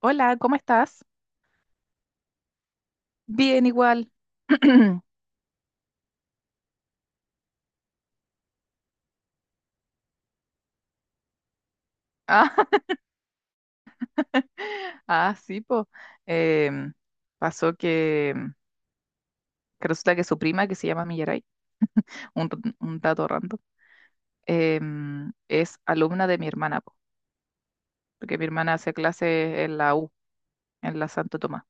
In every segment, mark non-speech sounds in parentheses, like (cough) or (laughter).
Hola, ¿cómo estás? Bien, igual. (clears throat) Ah, (laughs) ah, sí, pues. pasó que, que resulta que su prima, que se llama Millaray, un dato random. Es alumna de mi hermana, po, porque mi hermana hace clases en la U, en la Santo Tomás.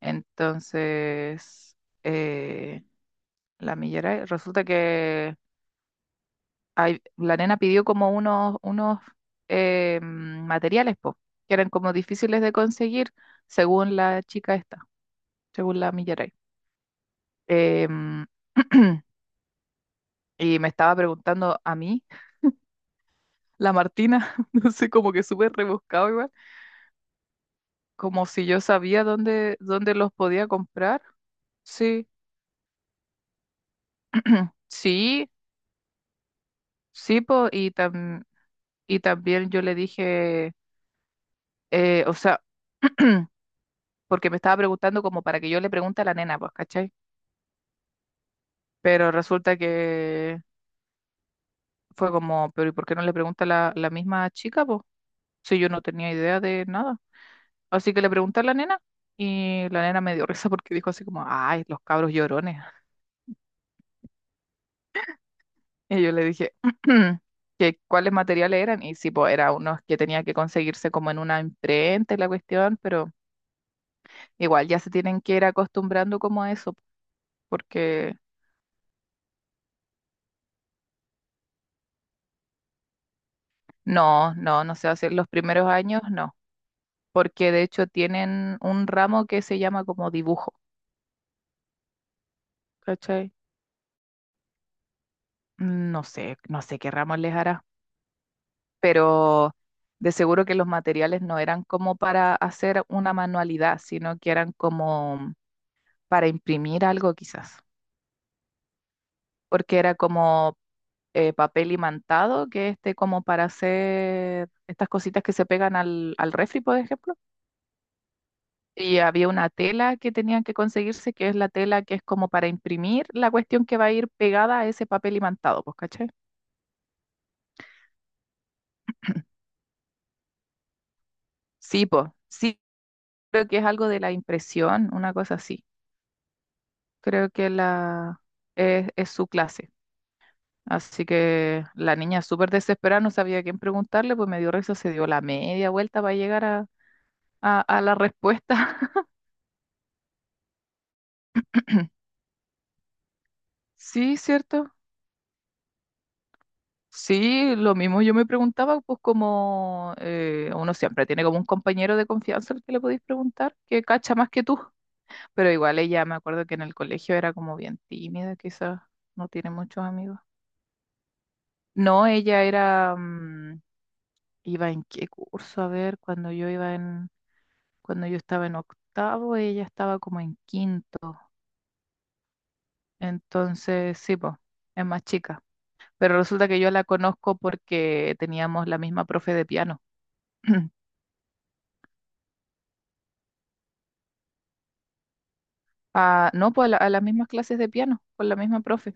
Entonces, eh, la Millaray, resulta que ay, la nena pidió como unos materiales, po, que eran como difíciles de conseguir, según la chica esta, según la Millaray. Eh, (clears throat) y me estaba preguntando a mí, la Martina, (laughs) no sé, como que súper rebuscado igual, como si yo sabía dónde los podía comprar. Sí, (clears throat) sí, sí, po, y también yo le dije, o sea, (clears throat) porque me estaba preguntando como para que yo le pregunte a la nena, pues, ¿cachai? Pero resulta que fue como, pero ¿y por qué no le pregunta la misma chica, pues? Si yo no tenía idea de nada. Así que le pregunté a la nena y la nena me dio (laughs) risa porque dijo así como, ay, los cabros llorones. (laughs) Y yo le dije (clears throat) que cuáles materiales eran y sí, pues era unos que tenía que conseguirse como en una imprenta y la cuestión, pero igual ya se tienen que ir acostumbrando como a eso, porque no, no sé, hacer los primeros años, no. Porque de hecho tienen un ramo que se llama como dibujo, ¿cachai? No sé, no sé qué ramo les hará, pero de seguro que los materiales no eran como para hacer una manualidad, sino que eran como para imprimir algo quizás, porque era como papel imantado, que este como para hacer estas cositas que se pegan al refri, por ejemplo. Y había una tela que tenían que conseguirse, que es la tela que es como para imprimir la cuestión que va a ir pegada a ese papel imantado, pues, ¿cachai? (clears throat) Sí, pues, sí, creo que es algo de la impresión, una cosa así. Creo que la es su clase. Así que la niña súper desesperada, no sabía a quién preguntarle, pues me dio risa, se dio la media vuelta para llegar a la respuesta. (clears throat) Sí, cierto. Sí, lo mismo yo me preguntaba, pues como uno siempre tiene como un compañero de confianza al que le podéis preguntar, que cacha más que tú. Pero igual ella, me acuerdo que en el colegio era como bien tímida, quizás no tiene muchos amigos. No, ella era, iba en qué curso, a ver, cuando yo iba en, cuando yo estaba en octavo, ella estaba como en quinto. Entonces, sí, pues, es más chica. Pero resulta que yo la conozco porque teníamos la misma profe de piano. (clears throat) Ah, no, pues a las mismas clases de piano, con la misma profe.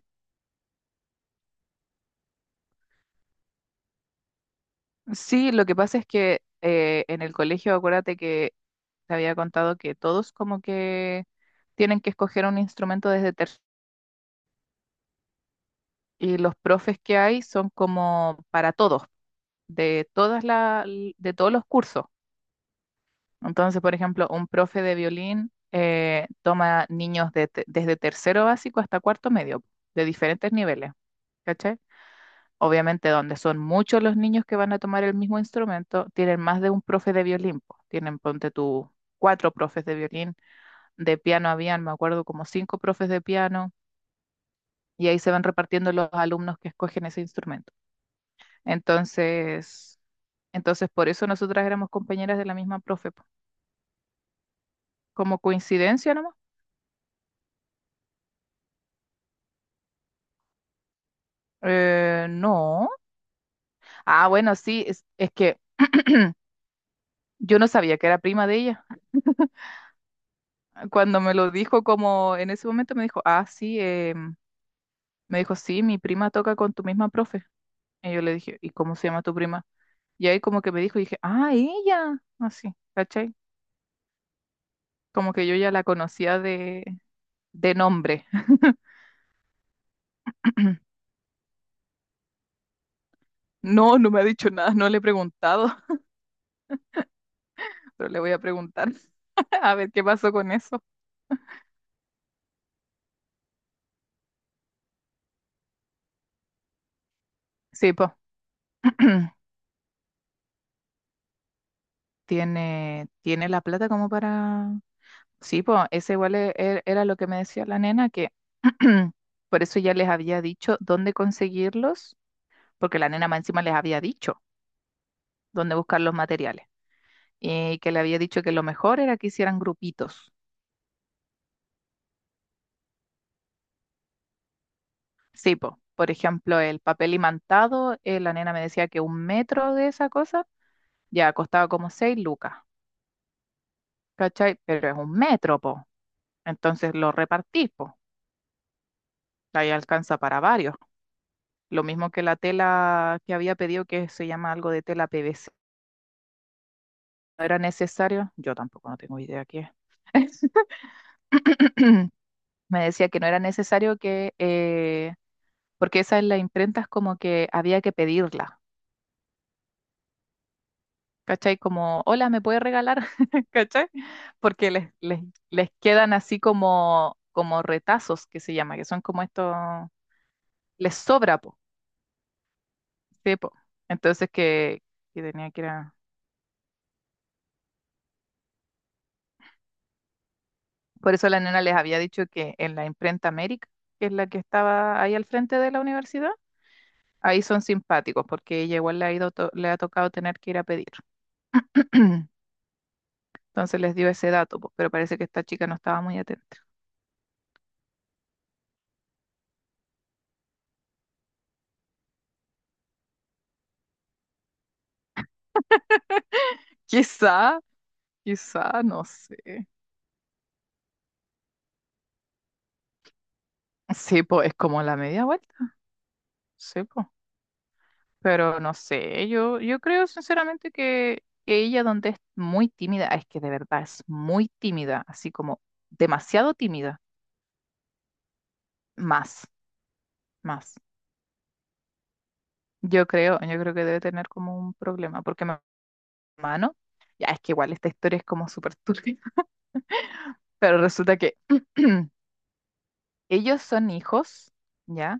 Sí, lo que pasa es que en el colegio, acuérdate que te había contado que todos como que tienen que escoger un instrumento desde tercero. Y los profes que hay son como para todos, de de todos los cursos. Entonces, por ejemplo, un profe de violín toma niños de desde tercero básico hasta cuarto medio, de diferentes niveles. ¿Cachai? Obviamente, donde son muchos los niños que van a tomar el mismo instrumento, tienen más de un profe de violín, po. Tienen, ponte tú, cuatro profes de violín. De piano habían, me acuerdo, como cinco profes de piano. Y ahí se van repartiendo los alumnos que escogen ese instrumento. Entonces, entonces, por eso nosotras éramos compañeras de la misma profe, po. ¿Como coincidencia nomás? No. Ah, bueno, sí, es que (clears throat) yo no sabía que era prima de ella. Cuando me lo dijo, como en ese momento me dijo, ah, sí, me dijo, sí, mi prima toca con tu misma profe. Y yo le dije, ¿y cómo se llama tu prima? Y ahí como que me dijo, y dije, ah, ella, así, ¿cachai? Como que yo ya la conocía de nombre. (clears throat) No, no me ha dicho nada, no le he preguntado, (laughs) pero le voy a preguntar (laughs) a ver qué pasó con eso. Sí, pues, (clears throat) tiene la plata como para. Sí, pues ese igual era lo que me decía la nena, que (clears throat) por eso ya les había dicho dónde conseguirlos, porque la nena más encima les había dicho dónde buscar los materiales y que le había dicho que lo mejor era que hicieran grupitos. Sí, pues, por ejemplo, el papel imantado, la nena me decía que un metro de esa cosa ya costaba como seis lucas, ¿cachai? Pero es un metro, po. Entonces lo repartís, po. Ahí alcanza para varios. Lo mismo que la tela que había pedido, que se llama algo de tela PVC, no era necesario, yo tampoco no tengo idea qué es. (laughs) (clears throat) Me decía que no era necesario que, porque esa en las imprentas como que había que pedirla, ¿cachai? Como, hola, ¿me puede regalar? (laughs) ¿Cachai? Porque les quedan así como, como retazos que se llama, que son como estos, les sobra, po, sí, po. Entonces que tenía que Por eso la nena les había dicho que en la imprenta América, que es la que estaba ahí al frente de la universidad, ahí son simpáticos porque ella igual le ha le ha tocado tener que ir a pedir. (clears throat) Entonces les dio ese dato, po, pero parece que esta chica no estaba muy atenta. (laughs) Quizá, quizá, no sé. Sí, pues es como la media vuelta. Sí, pues. Pero no sé, yo creo sinceramente que ella donde es muy tímida, es que de verdad es muy tímida, así como demasiado tímida, más, más. Yo creo que debe tener como un problema, porque mi hermano, ya es que igual esta historia es como súper (laughs) turbia. Pero resulta que (clears throat) ellos son hijos, ¿ya?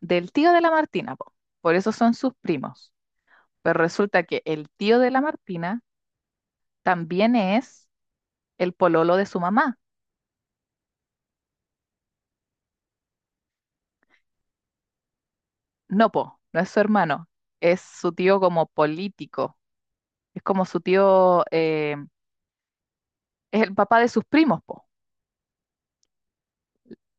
Del tío de la Martina, po. Por eso son sus primos. Pero resulta que el tío de la Martina también es el pololo de su mamá. No, po, no es su hermano, es su tío como político. Es como su tío, es el papá de sus primos, po.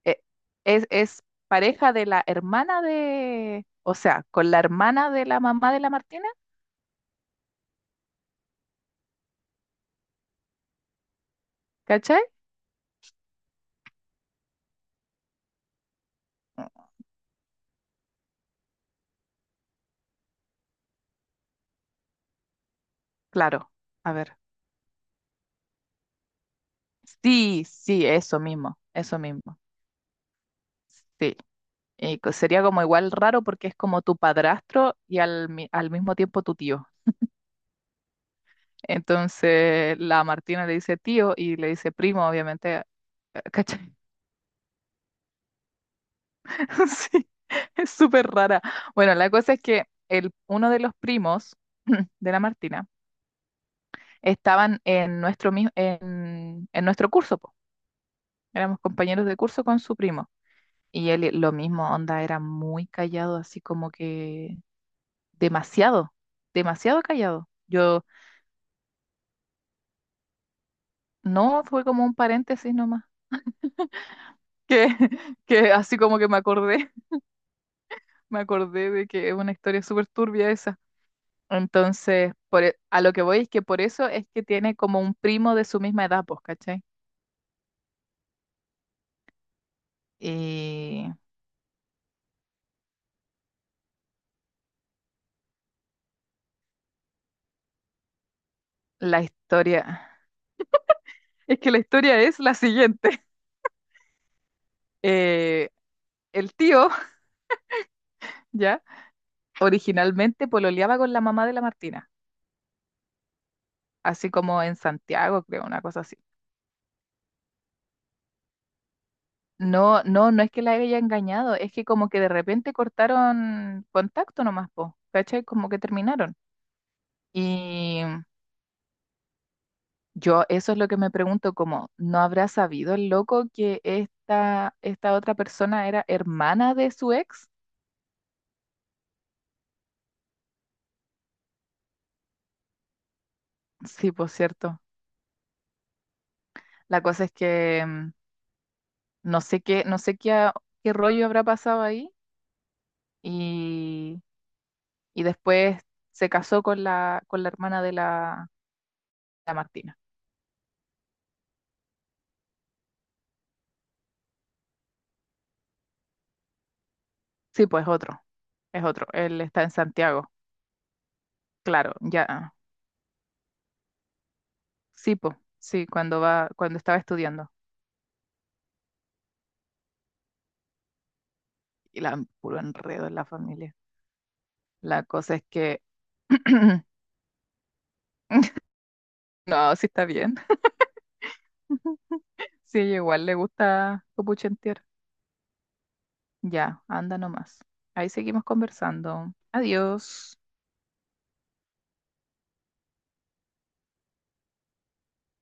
Eh, es pareja de la hermana de, o sea, con la hermana de la mamá de la Martina, ¿cachai? Mm, claro, a ver. Sí, sí, eso mismo, sí. Y sería como igual raro porque es como tu padrastro y al mismo tiempo tu tío. Entonces la Martina le dice tío y le dice primo, obviamente, ¿cachai? (laughs) Sí, es súper rara. Bueno, la cosa es que el, uno de los primos (clears throat) de la Martina estaban en en nuestro curso, po. Éramos compañeros de curso con su primo. Y él, lo mismo, onda, era muy callado, así como que demasiado, demasiado callado. Yo, no, fue como un paréntesis nomás, que, (laughs) que así como que me acordé, (laughs) me acordé de que es una historia súper turbia esa. Entonces, por, a lo que voy es que por eso es que tiene como un primo de su misma edad, pues, ¿cachai? Y la historia, (laughs) es que la historia es la siguiente. (laughs) Eh, el tío, (laughs) ya, originalmente pololeaba con la mamá de la Martina, así como en Santiago, creo, una cosa así. No, no, no es que la haya engañado, es que como que de repente cortaron contacto nomás, po, ¿cachai? Como que terminaron. Y yo eso es lo que me pregunto, como, ¿no habrá sabido el loco que esta otra persona era hermana de su ex? Sí, por cierto. La cosa es que no sé qué, no sé qué, qué rollo habrá pasado ahí y, y después se casó con con la hermana de la Martina. Sí, pues otro, es otro. Él está en Santiago, claro, ya. Sí, pues, sí, cuando va, cuando estaba estudiando. Y la puro enredo en la familia. La cosa es que (clears throat) no, sí está bien. (laughs) Sí, igual le gusta copuchentear. Ya, anda nomás. Ahí seguimos conversando. Adiós.